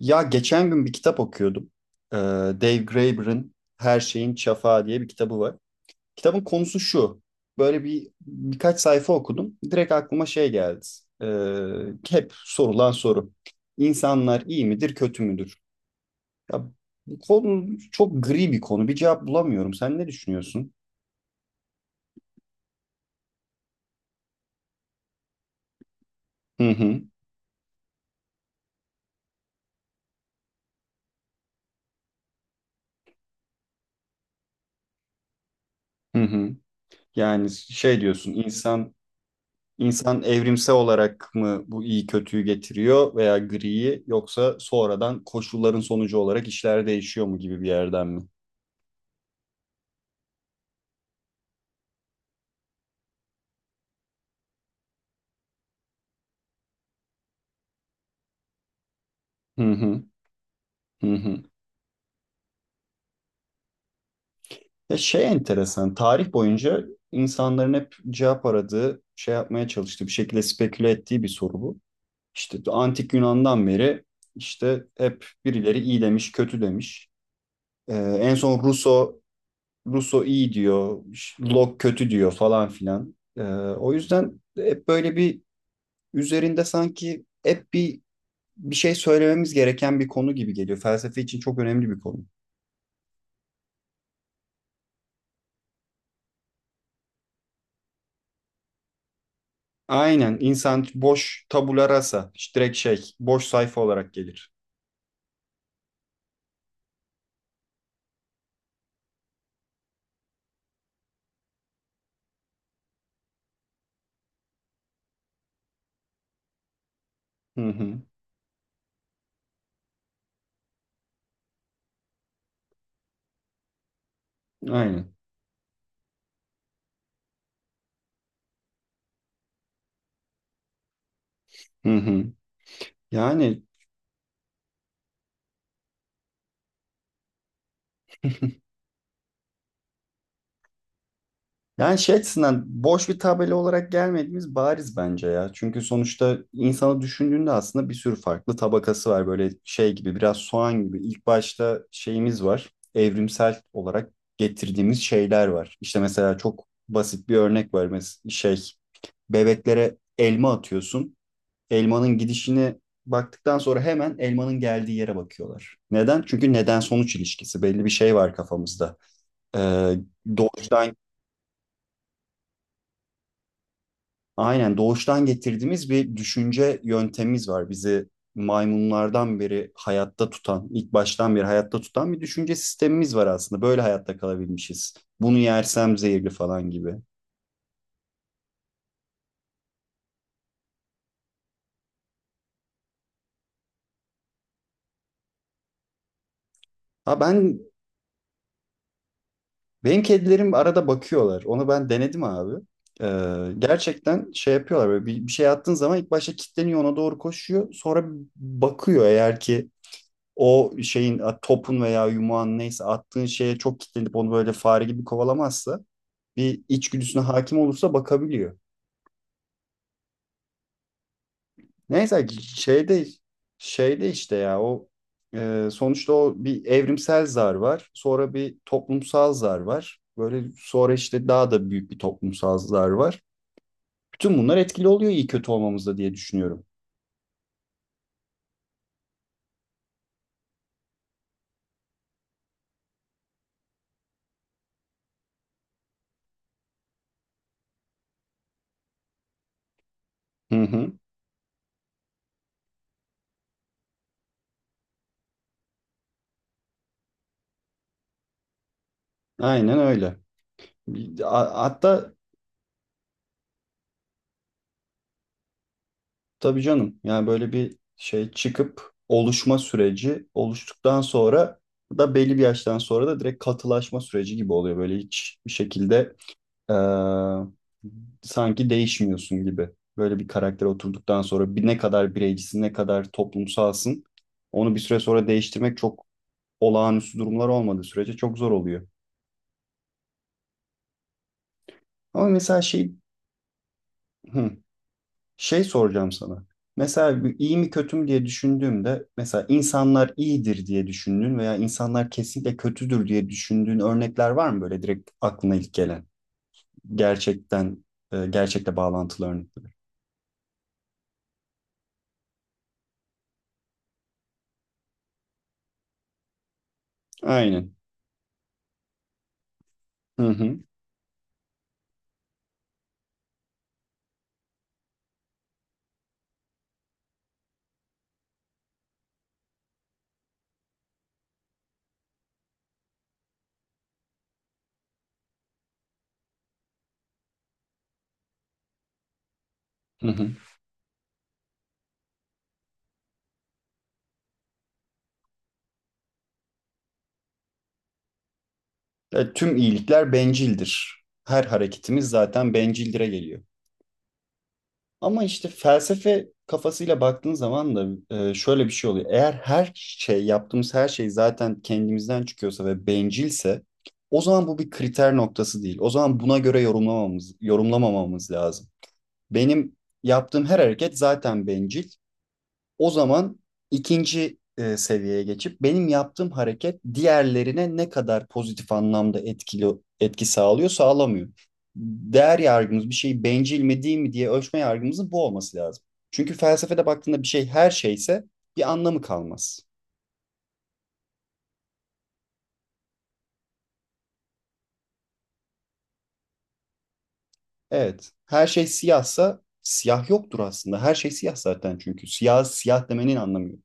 Ya geçen gün bir kitap okuyordum. Ee, Dave Graeber'ın Her Şeyin Çafağı diye bir kitabı var. Kitabın konusu şu. Böyle bir birkaç sayfa okudum. Direkt aklıma şey geldi. Hep sorulan soru. İnsanlar iyi midir, kötü müdür? Ya, bu konu çok gri bir konu. Bir cevap bulamıyorum. Sen ne düşünüyorsun? Hı hı, hı hı. Yani şey diyorsun, İnsan evrimsel olarak mı bu iyi kötüyü getiriyor veya griyi yoksa sonradan koşulların sonucu olarak işler değişiyor mu gibi bir yerden mi? Hı hı, hı hı. Ya şey enteresan, tarih boyunca insanların hep cevap aradığı, şey yapmaya çalıştığı, bir şekilde speküle ettiği bir soru bu. İşte antik Yunan'dan beri işte hep birileri iyi demiş, kötü demiş. Ee, En son Rousseau, Rousseau iyi diyor, işte, Locke kötü diyor falan filan. O yüzden hep böyle üzerinde sanki hep bir şey söylememiz gereken bir konu gibi geliyor. Felsefe için çok önemli bir konu. Aynen insan boş tabula rasa, işte direkt şey boş sayfa olarak gelir. Hı hı. Aynen. Hı hı. Yani Yani şey açısından boş bir tabela olarak gelmediğimiz bariz bence ya. Çünkü sonuçta insanı düşündüğünde aslında bir sürü farklı tabakası var. Böyle şey gibi biraz soğan gibi. İlk başta şeyimiz var. Evrimsel olarak getirdiğimiz şeyler var. İşte mesela çok basit bir örnek var. Mesela şey bebeklere elma atıyorsun. Elmanın gidişini baktıktan sonra hemen elmanın geldiği yere bakıyorlar. Neden? Çünkü neden sonuç ilişkisi. Belli bir şey var kafamızda. Ee, doğuştan aynen doğuştan getirdiğimiz bir düşünce yöntemimiz var. Bizi maymunlardan beri hayatta tutan, ilk baştan beri hayatta tutan bir düşünce sistemimiz var aslında. Böyle hayatta kalabilmişiz. Bunu yersem zehirli falan gibi. Ha, benim kedilerim arada bakıyorlar. Onu ben denedim abi. Gerçekten şey yapıyorlar böyle bir, bir şey attığın zaman ilk başta kilitleniyor ona doğru koşuyor. Sonra bakıyor eğer ki o şeyin a, topun veya yumağın neyse attığın şeye çok kilitlenip onu böyle fare gibi kovalamazsa bir içgüdüsüne hakim olursa bakabiliyor. Neyse şeyde şeyde işte ya o sonuçta o bir evrimsel zar var. Sonra bir toplumsal zar var. Böyle sonra işte daha da büyük bir toplumsal zar var. Bütün bunlar etkili oluyor iyi kötü olmamızda diye düşünüyorum. Hı hı. Aynen öyle. Hatta tabii canım yani böyle bir şey çıkıp oluşma süreci oluştuktan sonra da belli bir yaştan sonra da direkt katılaşma süreci gibi oluyor. Böyle hiç bir şekilde e, sanki değişmiyorsun gibi. Böyle bir karaktere oturduktan sonra ne kadar bireycisin, ne kadar toplumsalsın, onu bir süre sonra değiştirmek çok olağanüstü durumlar olmadığı sürece çok zor oluyor. Ama mesela şey hı, şey soracağım sana. Mesela bir iyi mi kötü mü diye düşündüğümde mesela insanlar iyidir diye düşündüğün veya insanlar kesinlikle kötüdür diye düşündüğün örnekler var mı böyle direkt aklına ilk gelen? Gerçekten gerçekle bağlantılı örnekler. Aynen. Hı hı. Hı hı. Tüm iyilikler bencildir. Her hareketimiz zaten bencildire geliyor. Ama işte felsefe kafasıyla baktığın zaman da şöyle bir şey oluyor. Eğer her şey, yaptığımız her şey zaten kendimizden çıkıyorsa ve bencilse o zaman bu bir kriter noktası değil. O zaman buna göre yorumlamamamız lazım. Benim yaptığım her hareket zaten bencil. O zaman ikinci seviyeye geçip benim yaptığım hareket diğerlerine ne kadar pozitif anlamda etki sağlıyor, sağlamıyor. Değer yargımız bir şeyi bencil mi değil mi diye ölçme yargımızın bu olması lazım. Çünkü felsefede baktığında bir şey her şeyse bir anlamı kalmaz. Evet, her şey siyahsa siyah yoktur aslında. Her şey siyah zaten çünkü. Siyah siyah demenin anlamı yok.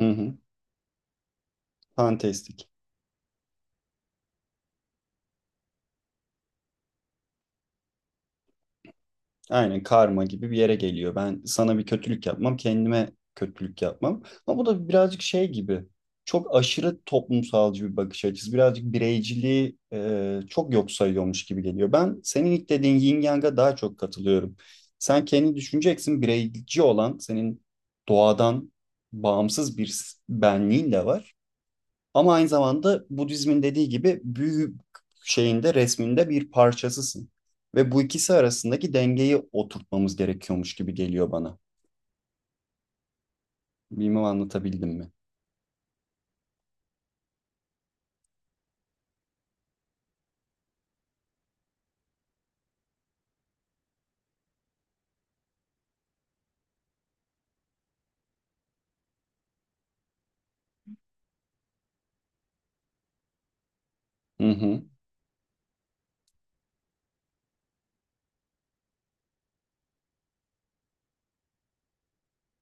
Hı hı. Fantastik. Aynen karma gibi bir yere geliyor. Ben sana bir kötülük yapmam, kendime kötülük yapmam. Ama bu da birazcık şey gibi. Çok aşırı toplumsalcı bir bakış açısı. Birazcık bireyciliği çok yok sayıyormuş gibi geliyor. Ben senin ilk dediğin yin yang'a daha çok katılıyorum. Sen kendi düşüneceksin bireyci olan senin doğadan bağımsız bir benliğin de var. Ama aynı zamanda Budizmin dediği gibi büyü şeyinde resminde bir parçasısın. Ve bu ikisi arasındaki dengeyi oturtmamız gerekiyormuş gibi geliyor bana. Bilmem anlatabildim mi? Hı hı,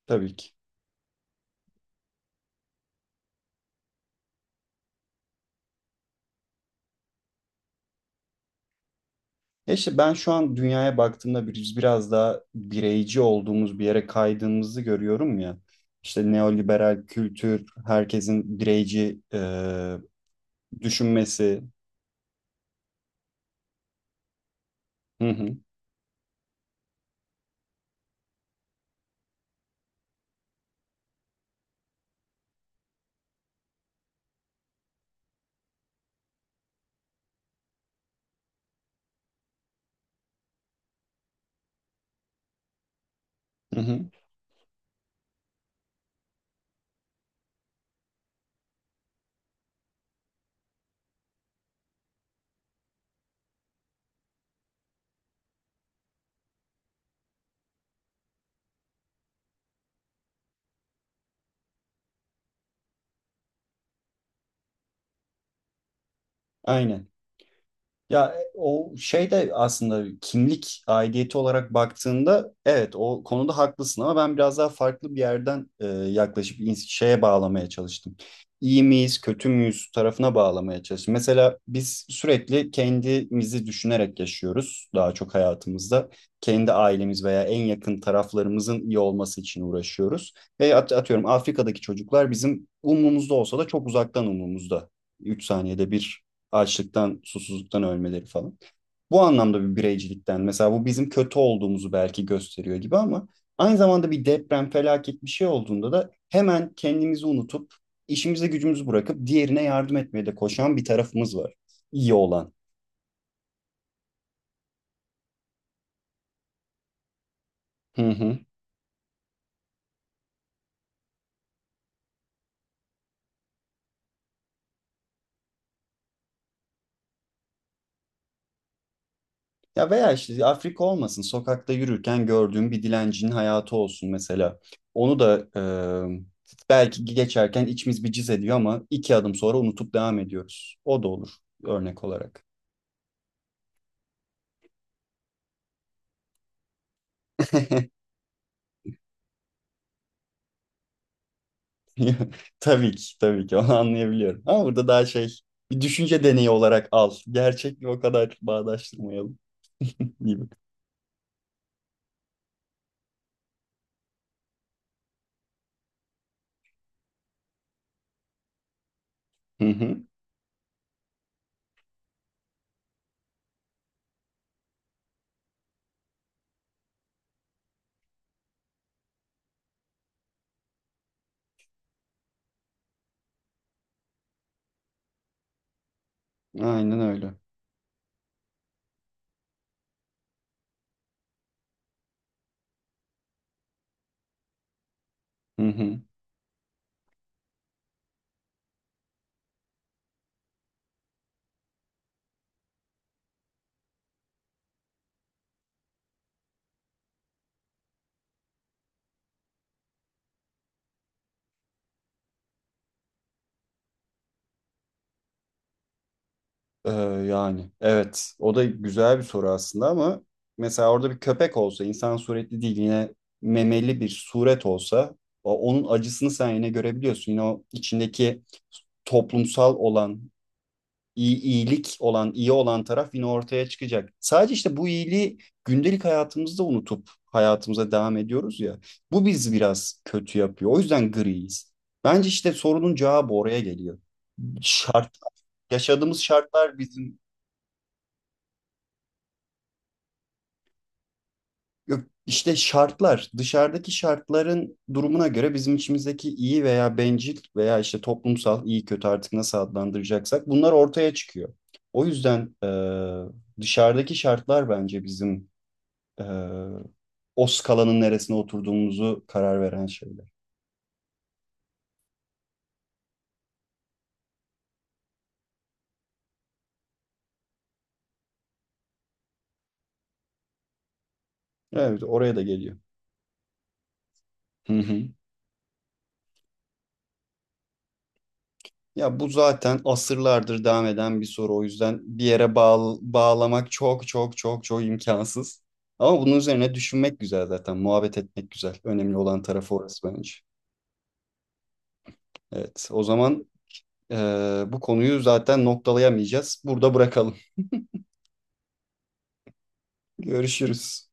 tabii ki. E işte ben şu an dünyaya baktığımda biz biraz daha bireyci olduğumuz bir yere kaydığımızı görüyorum ya. İşte neoliberal kültür, herkesin bireyci düşünmesi. Hı hı, hı hı, aynen. Ya e, o şey de aslında kimlik aidiyeti olarak baktığında evet o konuda haklısın ama ben biraz daha farklı bir yerden yaklaşıp şeye bağlamaya çalıştım. İyi miyiz, kötü müyüz tarafına bağlamaya çalıştım. Mesela biz sürekli kendimizi düşünerek yaşıyoruz daha çok hayatımızda. Kendi ailemiz veya en yakın taraflarımızın iyi olması için uğraşıyoruz. Ve atıyorum Afrika'daki çocuklar bizim umrumuzda olsa da çok uzaktan umrumuzda. 3 saniyede bir açlıktan, susuzluktan ölmeleri falan. Bu anlamda bir bireycilikten mesela bu bizim kötü olduğumuzu belki gösteriyor gibi ama aynı zamanda bir deprem, felaket bir şey olduğunda da hemen kendimizi unutup işimize gücümüzü bırakıp diğerine yardım etmeye de koşan bir tarafımız var. İyi olan. Hı hı. Ya veya işte Afrika olmasın, sokakta yürürken gördüğüm bir dilencinin hayatı olsun mesela. Onu da belki geçerken içimiz bir cız ediyor ama iki adım sonra unutup devam ediyoruz. O da olur örnek olarak. Tabii ki, tabii ki onu anlayabiliyorum. Ama burada daha şey bir düşünce deneyi olarak al. Gerçekle o kadar bağdaştırmayalım gibi. Hı hı. Aynen öyle. Hı hı. Ee, Yani evet o da güzel bir soru aslında ama mesela orada bir köpek olsa insan suretli değil yine memeli bir suret olsa onun acısını sen yine görebiliyorsun. Yine o içindeki toplumsal olan iyilik olan, iyi olan taraf yine ortaya çıkacak. Sadece işte bu iyiliği gündelik hayatımızda unutup hayatımıza devam ediyoruz ya. Bu bizi biraz kötü yapıyor. O yüzden griyiz. Bence işte sorunun cevabı oraya geliyor. Şart, yaşadığımız şartlar bizim, yok, işte şartlar, dışarıdaki şartların durumuna göre bizim içimizdeki iyi veya bencil veya işte toplumsal iyi kötü artık nasıl adlandıracaksak bunlar ortaya çıkıyor. O yüzden dışarıdaki şartlar bence bizim e, o skalanın neresine oturduğumuzu karar veren şeyler. Evet, oraya da geliyor. Hı hı. Ya bu zaten asırlardır devam eden bir soru. O yüzden bir yere bağlamak çok çok çok çok imkansız. Ama bunun üzerine düşünmek güzel zaten. Muhabbet etmek güzel. Önemli olan tarafı orası bence. Evet, o zaman e, bu konuyu zaten noktalayamayacağız. Burada bırakalım. Görüşürüz.